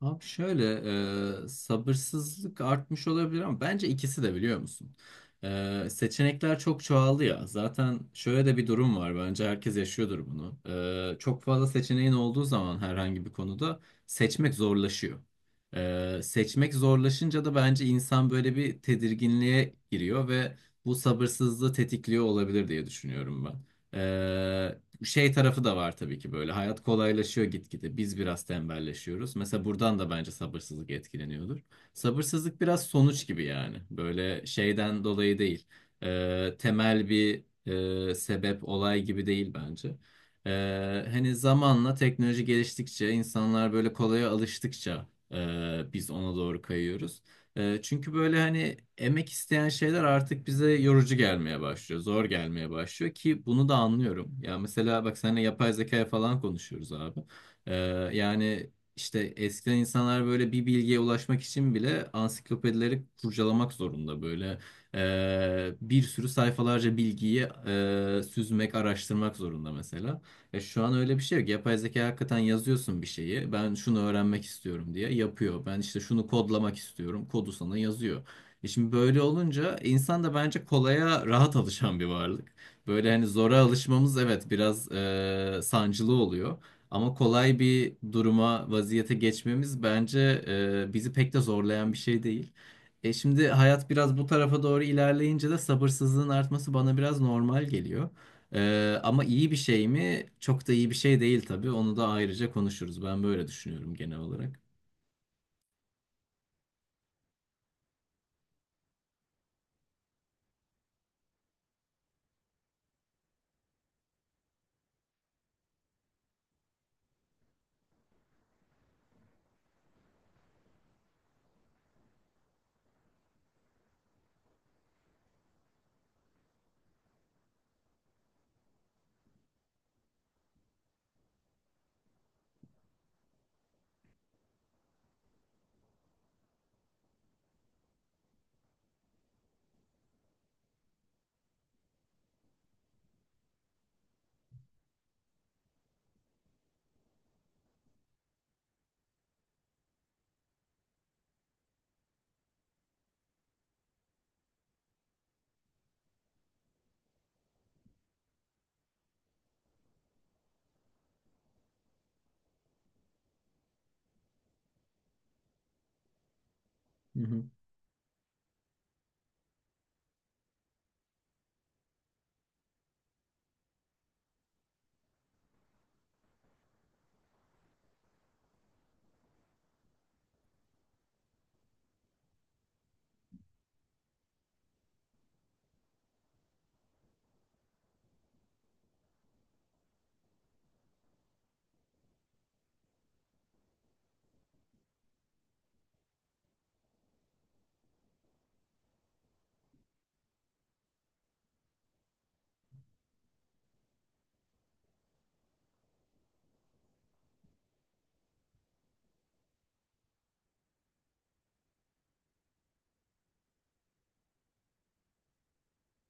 Abi şöyle sabırsızlık artmış olabilir ama bence ikisi de biliyor musun? Seçenekler çok çoğaldı ya. Zaten şöyle de bir durum var. Bence herkes yaşıyordur bunu. Çok fazla seçeneğin olduğu zaman herhangi bir konuda seçmek zorlaşıyor. Seçmek zorlaşınca da bence insan böyle bir tedirginliğe giriyor ve bu sabırsızlığı tetikliyor olabilir diye düşünüyorum ben. Şey tarafı da var tabii ki böyle. Hayat kolaylaşıyor gitgide. Biz biraz tembelleşiyoruz. Mesela buradan da bence sabırsızlık etkileniyordur. Sabırsızlık biraz sonuç gibi yani. Böyle şeyden dolayı değil. Temel bir sebep, olay gibi değil bence. Hani zamanla teknoloji geliştikçe, insanlar böyle kolaya alıştıkça biz ona doğru kayıyoruz. Çünkü böyle hani emek isteyen şeyler artık bize yorucu gelmeye başlıyor, zor gelmeye başlıyor ki bunu da anlıyorum. Ya mesela bak seninle yapay zekaya falan konuşuyoruz abi. E, yani işte eskiden insanlar böyle bir bilgiye ulaşmak için bile ansiklopedileri kurcalamak zorunda böyle. Bir sürü sayfalarca bilgiyi süzmek, araştırmak zorunda mesela. E şu an öyle bir şey yok. Yapay zeka hakikaten yazıyorsun bir şeyi. Ben şunu öğrenmek istiyorum diye yapıyor. Ben işte şunu kodlamak istiyorum. Kodu sana yazıyor. E şimdi böyle olunca insan da bence kolaya rahat alışan bir varlık. Böyle hani zora alışmamız evet biraz sancılı oluyor. Ama kolay bir duruma, vaziyete geçmemiz bence bizi pek de zorlayan bir şey değil. E şimdi hayat biraz bu tarafa doğru ilerleyince de sabırsızlığın artması bana biraz normal geliyor. Ama iyi bir şey mi? Çok da iyi bir şey değil tabii. Onu da ayrıca konuşuruz. Ben böyle düşünüyorum genel olarak. Hı hı.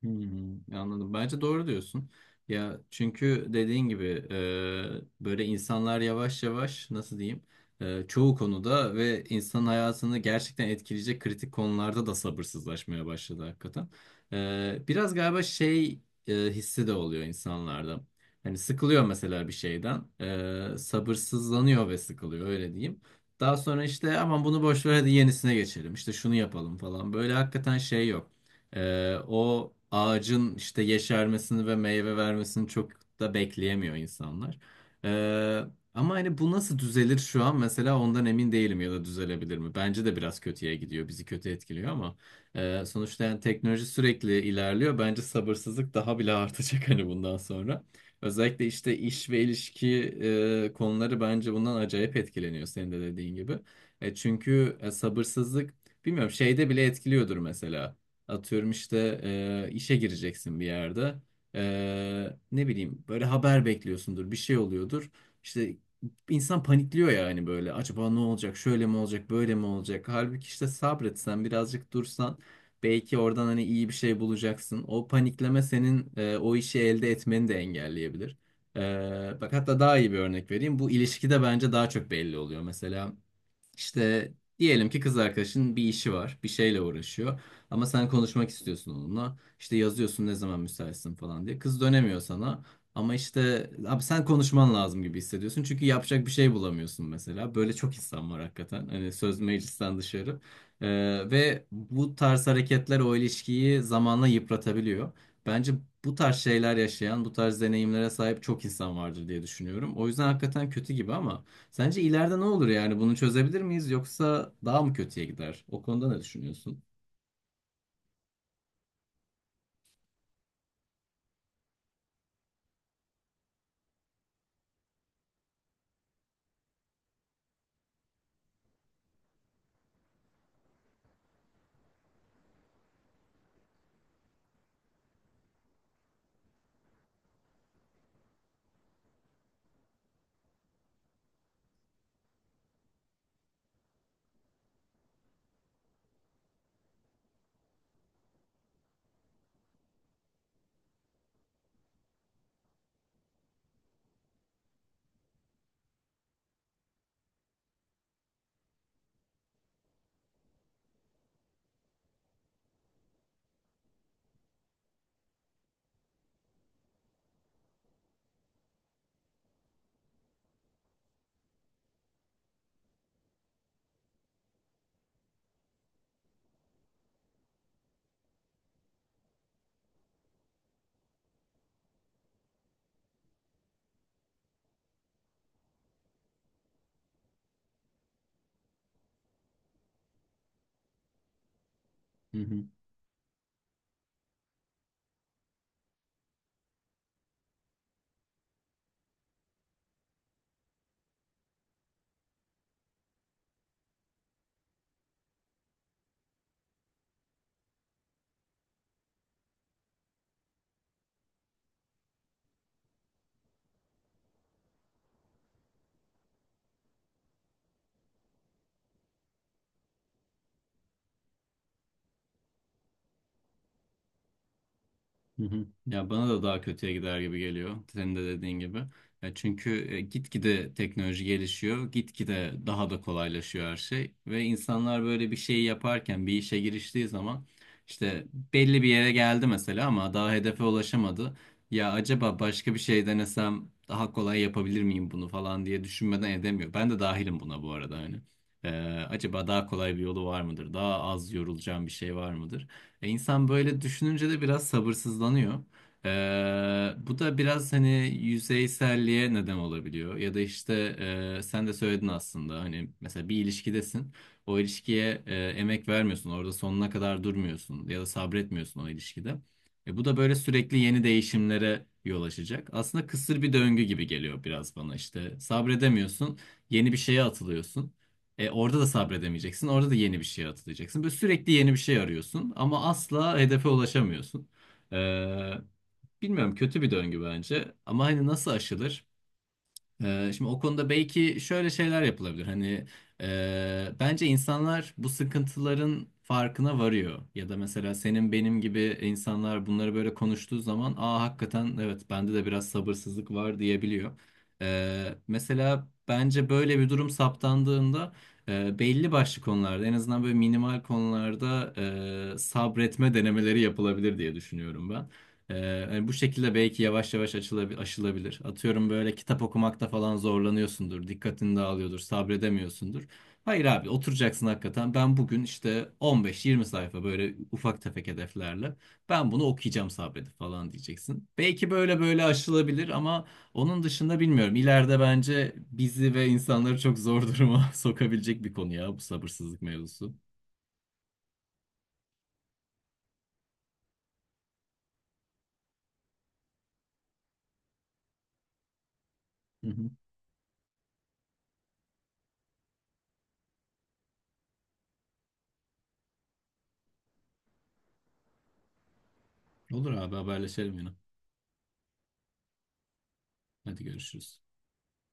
Hmm, anladım. Bence doğru diyorsun. Ya çünkü dediğin gibi böyle insanlar yavaş yavaş nasıl diyeyim, çoğu konuda ve insanın hayatını gerçekten etkileyecek kritik konularda da sabırsızlaşmaya başladı hakikaten. Biraz galiba şey hissi de oluyor insanlarda. Hani sıkılıyor mesela bir şeyden, sabırsızlanıyor ve sıkılıyor öyle diyeyim. Daha sonra işte aman bunu boş ver, hadi yenisine geçelim, İşte şunu yapalım falan, böyle hakikaten şey yok. O ağacın işte yeşermesini ve meyve vermesini çok da bekleyemiyor insanlar. Ee, Ama hani bu nasıl düzelir şu an mesela, ondan emin değilim ya da düzelebilir mi? Bence de biraz kötüye gidiyor, bizi kötü etkiliyor ama sonuçta yani teknoloji sürekli ilerliyor. Bence sabırsızlık daha bile artacak hani bundan sonra. Özellikle işte iş ve ilişki konuları bence bundan acayip etkileniyor senin de dediğin gibi. Çünkü sabırsızlık bilmiyorum şeyde bile etkiliyordur mesela. Atıyorum işte işe gireceksin bir yerde. Ne bileyim böyle haber bekliyorsundur, bir şey oluyordur. İşte insan panikliyor yani böyle. Acaba ne olacak? Şöyle mi olacak? Böyle mi olacak? Halbuki işte sabretsen, birazcık dursan belki oradan hani iyi bir şey bulacaksın. O panikleme senin o işi elde etmeni de engelleyebilir. Bak hatta daha iyi bir örnek vereyim. Bu ilişkide bence daha çok belli oluyor. Mesela işte diyelim ki kız arkadaşın bir işi var, bir şeyle uğraşıyor ama sen konuşmak istiyorsun onunla. İşte yazıyorsun ne zaman müsaitsin falan diye. Kız dönemiyor sana ama işte abi sen konuşman lazım gibi hissediyorsun çünkü yapacak bir şey bulamıyorsun mesela. Böyle çok insan var hakikaten. Hani söz meclisten dışarı. Ee, Ve bu tarz hareketler o ilişkiyi zamanla yıpratabiliyor. Bence bu tarz şeyler yaşayan, bu tarz deneyimlere sahip çok insan vardır diye düşünüyorum. O yüzden hakikaten kötü gibi ama sence ileride ne olur yani? Bunu çözebilir miyiz yoksa daha mı kötüye gider? O konuda ne düşünüyorsun? Hı hı. Ya bana da daha kötüye gider gibi geliyor. Senin de dediğin gibi. Ya çünkü gitgide teknoloji gelişiyor, gitgide daha da kolaylaşıyor her şey ve insanlar böyle bir şeyi yaparken, bir işe giriştiği zaman işte belli bir yere geldi mesela ama daha hedefe ulaşamadı. Ya acaba başka bir şey denesem daha kolay yapabilir miyim bunu falan diye düşünmeden edemiyor. Ben de dahilim buna bu arada hani. Ee, Acaba daha kolay bir yolu var mıdır? Daha az yorulacağım bir şey var mıdır? İnsan böyle düşününce de biraz sabırsızlanıyor. Bu da biraz hani yüzeyselliğe neden olabiliyor. Ya da işte sen de söyledin aslında hani mesela bir ilişkidesin. O ilişkiye emek vermiyorsun. Orada sonuna kadar durmuyorsun ya da sabretmiyorsun o ilişkide. Bu da böyle sürekli yeni değişimlere yol açacak. Aslında kısır bir döngü gibi geliyor biraz bana işte. Sabredemiyorsun, yeni bir şeye atılıyorsun. Orada da sabredemeyeceksin. Orada da yeni bir şey atılacaksın. Böyle sürekli yeni bir şey arıyorsun ama asla hedefe ulaşamıyorsun. E, Bilmiyorum, kötü bir döngü bence. Ama hani nasıl aşılır? Şimdi o konuda belki şöyle şeyler yapılabilir. Hani bence insanlar bu sıkıntıların farkına varıyor. Ya da mesela senin benim gibi insanlar bunları böyle konuştuğu zaman aa hakikaten evet bende de biraz sabırsızlık var diyebiliyor. Mesela bence böyle bir durum saptandığında belli başlı konularda en azından böyle minimal konularda sabretme denemeleri yapılabilir diye düşünüyorum. Hani bu şekilde belki yavaş yavaş aşılabilir. Atıyorum böyle kitap okumakta falan zorlanıyorsundur, dikkatini dağılıyordur, sabredemiyorsundur. Hayır abi oturacaksın hakikaten. Ben bugün işte 15-20 sayfa böyle ufak tefek hedeflerle ben bunu okuyacağım sabredip falan diyeceksin. Belki böyle böyle aşılabilir ama onun dışında bilmiyorum. İleride bence bizi ve insanları çok zor duruma sokabilecek bir konu ya bu sabırsızlık mevzusu. Hı hı. Olur abi, haberleşelim yine. Hadi görüşürüz.